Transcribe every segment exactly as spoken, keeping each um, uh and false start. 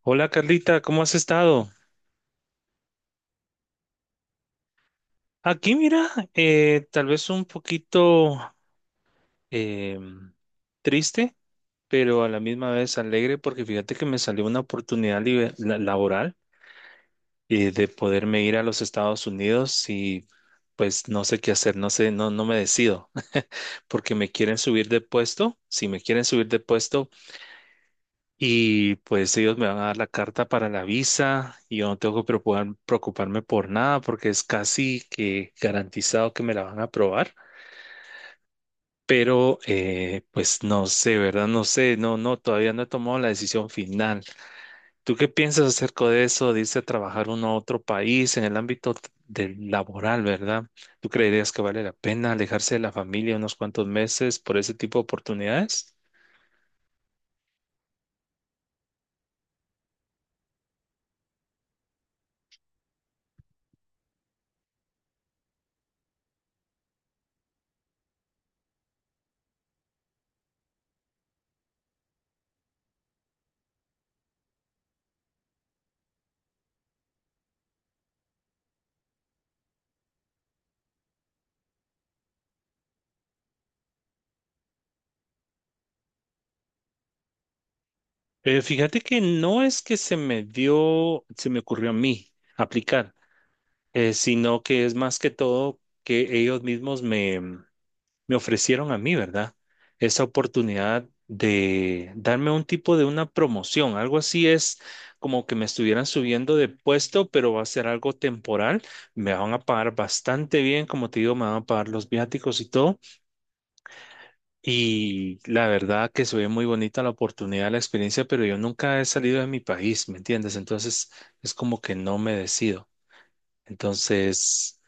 Hola, Carlita, ¿cómo has estado? Aquí mira, eh, tal vez un poquito em, triste, pero a la misma vez alegre porque fíjate que me salió una oportunidad libe- la- laboral eh, de poderme ir a los Estados Unidos y pues no sé qué hacer, no sé, no, no me decido. Porque me quieren subir de puesto. Si me quieren subir de puesto, y pues ellos me van a dar la carta para la visa y yo no tengo que preocupar- preocuparme por nada porque es casi que garantizado que me la van a aprobar. Pero eh, pues no sé, ¿verdad? No sé, no, no, todavía no he tomado la decisión final. ¿Tú qué piensas acerca de eso? Dice trabajar uno a otro país en el ámbito t- del laboral, ¿verdad? ¿Tú creerías que vale la pena alejarse de la familia unos cuantos meses por ese tipo de oportunidades? Eh, fíjate que no es que se me dio, se me ocurrió a mí aplicar, eh, sino que es más que todo que ellos mismos me, me ofrecieron a mí, ¿verdad? Esa oportunidad de darme un tipo de una promoción, algo así es como que me estuvieran subiendo de puesto, pero va a ser algo temporal, me van a pagar bastante bien, como te digo, me van a pagar los viáticos y todo y la verdad que se ve muy bonita la oportunidad, la experiencia, pero yo nunca he salido de mi país, ¿me entiendes? Entonces es como que no me decido. Entonces,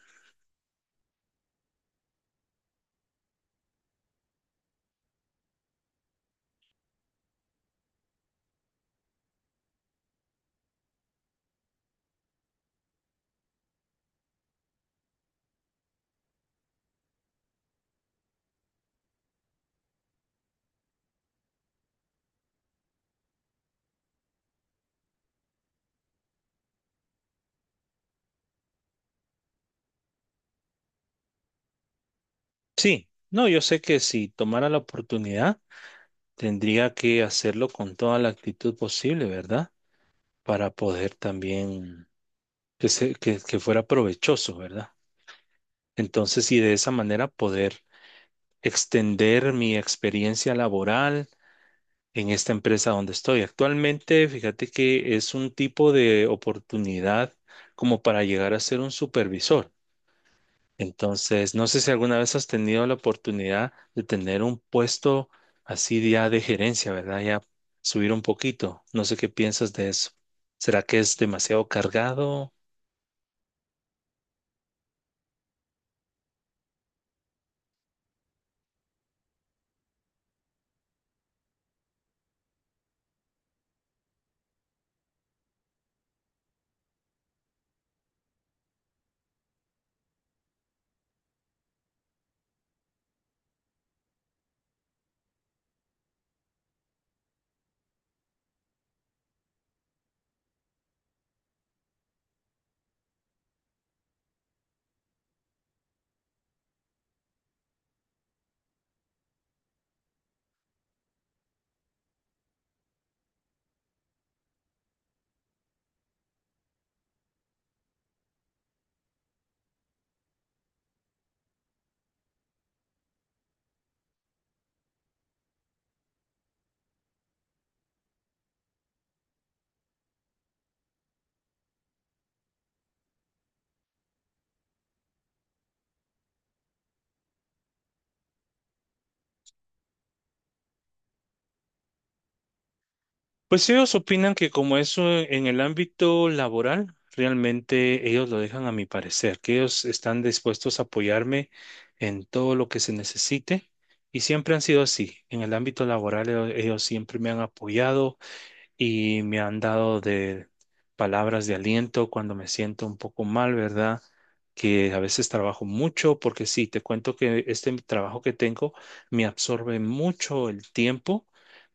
sí, no, yo sé que si tomara la oportunidad, tendría que hacerlo con toda la actitud posible, ¿verdad? Para poder también que, se- que, que fuera provechoso, ¿verdad? Entonces, y de esa manera poder extender mi experiencia laboral en esta empresa donde estoy actualmente. Fíjate que es un tipo de oportunidad como para llegar a ser un supervisor. Entonces, no sé si alguna vez has tenido la oportunidad de tener un puesto así ya de gerencia, ¿verdad? Ya subir un poquito. No sé qué piensas de eso. ¿Será que es demasiado cargado? Pues ellos opinan que como eso en el ámbito laboral, realmente ellos lo dejan a mi parecer, que ellos están dispuestos a apoyarme en todo lo que se necesite y siempre han sido así. En el ámbito laboral ellos, ellos siempre me han apoyado, y me han dado de palabras de aliento cuando me siento un poco mal, ¿verdad? Que a veces trabajo mucho, porque sí, te cuento que este trabajo que tengo me absorbe mucho el tiempo.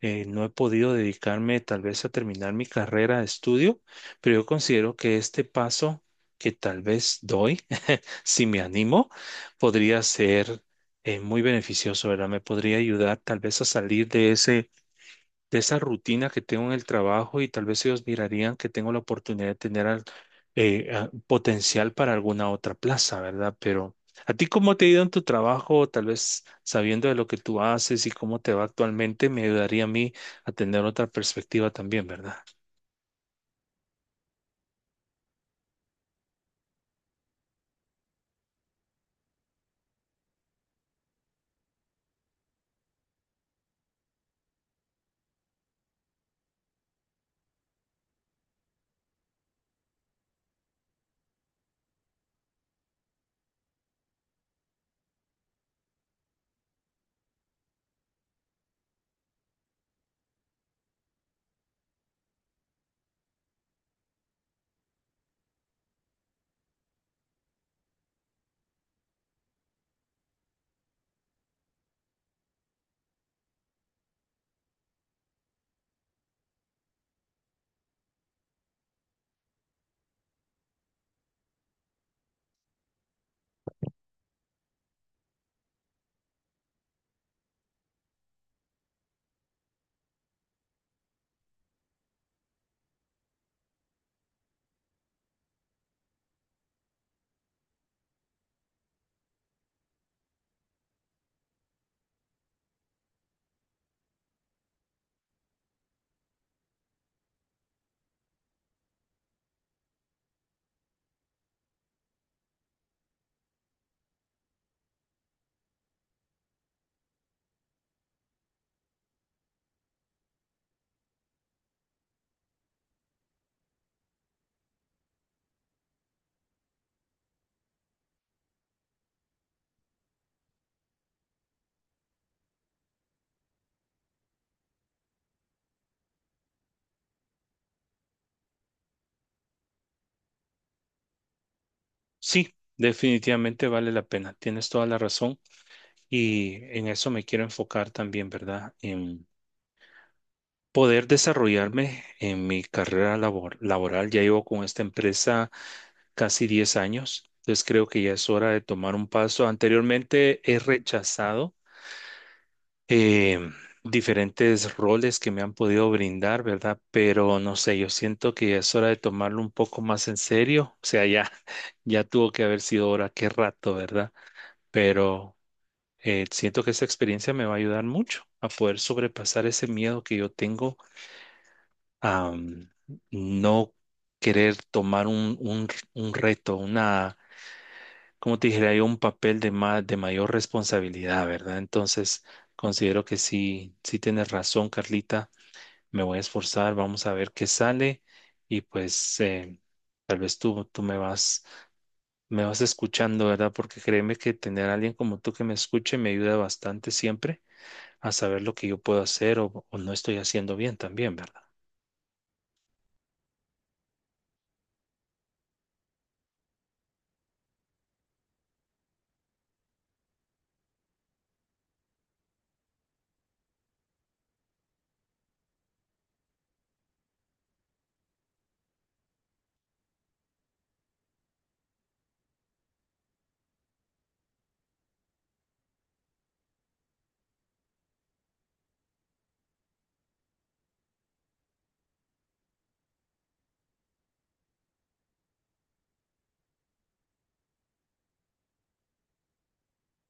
Eh, no he podido dedicarme tal vez a terminar mi carrera de estudio, pero yo considero que este paso que tal vez doy, si me animo, podría ser eh, muy beneficioso, ¿verdad? Me podría ayudar tal vez a salir de ese de esa rutina que tengo en el trabajo y tal vez ellos mirarían que tengo la oportunidad de tener al- eh, a- potencial para alguna otra plaza, ¿verdad? Pero ¿a ti cómo te ha ido en tu trabajo? Tal vez sabiendo de lo que tú haces y cómo te va actualmente, me ayudaría a mí a tener otra perspectiva también, ¿verdad? Sí, definitivamente vale la pena. Tienes toda la razón y en eso me quiero enfocar también, ¿verdad? En poder desarrollarme en mi carrera labor- laboral. Ya llevo con esta empresa casi diez años. Entonces creo que ya es hora de tomar un paso. Anteriormente he rechazado eh, diferentes roles que me han podido brindar, ¿verdad? Pero no sé, yo siento que ya es hora de tomarlo un poco más en serio. O sea, ya, ya tuvo que haber sido hora, qué rato, ¿verdad? Pero eh, siento que esa experiencia me va a ayudar mucho a poder sobrepasar ese miedo que yo tengo a mm, no querer tomar un, un un reto, una, como te dije, hay un papel de más, de mayor responsabilidad, ¿verdad? Entonces, considero que sí, sí tienes razón, Carlita. Me voy a esforzar, vamos a ver qué sale y pues eh, tal vez tú, tú me vas, me vas escuchando, ¿verdad? Porque créeme que tener a alguien como tú que me escuche me ayuda bastante siempre a saber lo que yo puedo hacer o, o no estoy haciendo bien también, ¿verdad?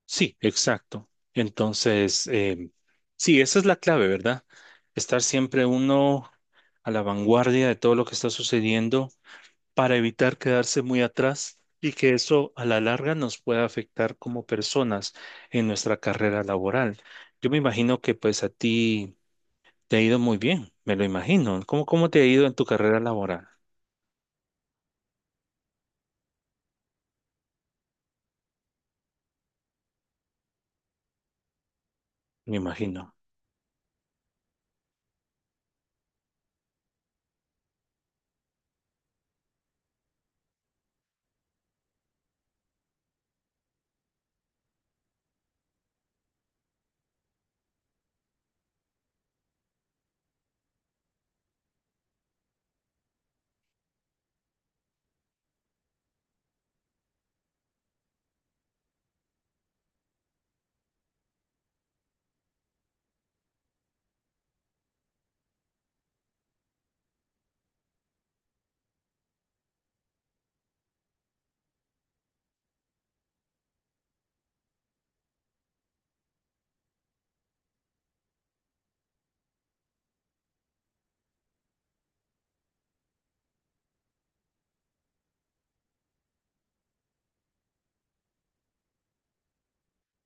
Sí, exacto. Entonces, em, sí, esa es la clave, ¿verdad? Estar siempre uno a la vanguardia de todo lo que está sucediendo para evitar quedarse muy atrás y que eso a la larga nos pueda afectar como personas en nuestra carrera laboral. Yo me imagino que pues a ti te ha ido muy bien, me lo imagino. ¿Cómo, cómo te ha ido en tu carrera laboral? Me imagino.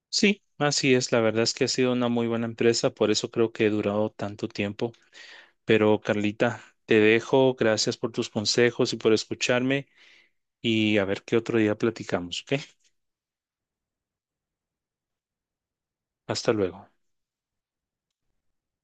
Sí, así es. La verdad es que ha sido una muy buena empresa, por eso creo que he durado tanto tiempo. Pero Carlita, te dejo. Gracias por tus consejos y por escucharme y a ver qué otro día platicamos, ¿ok? Hasta luego.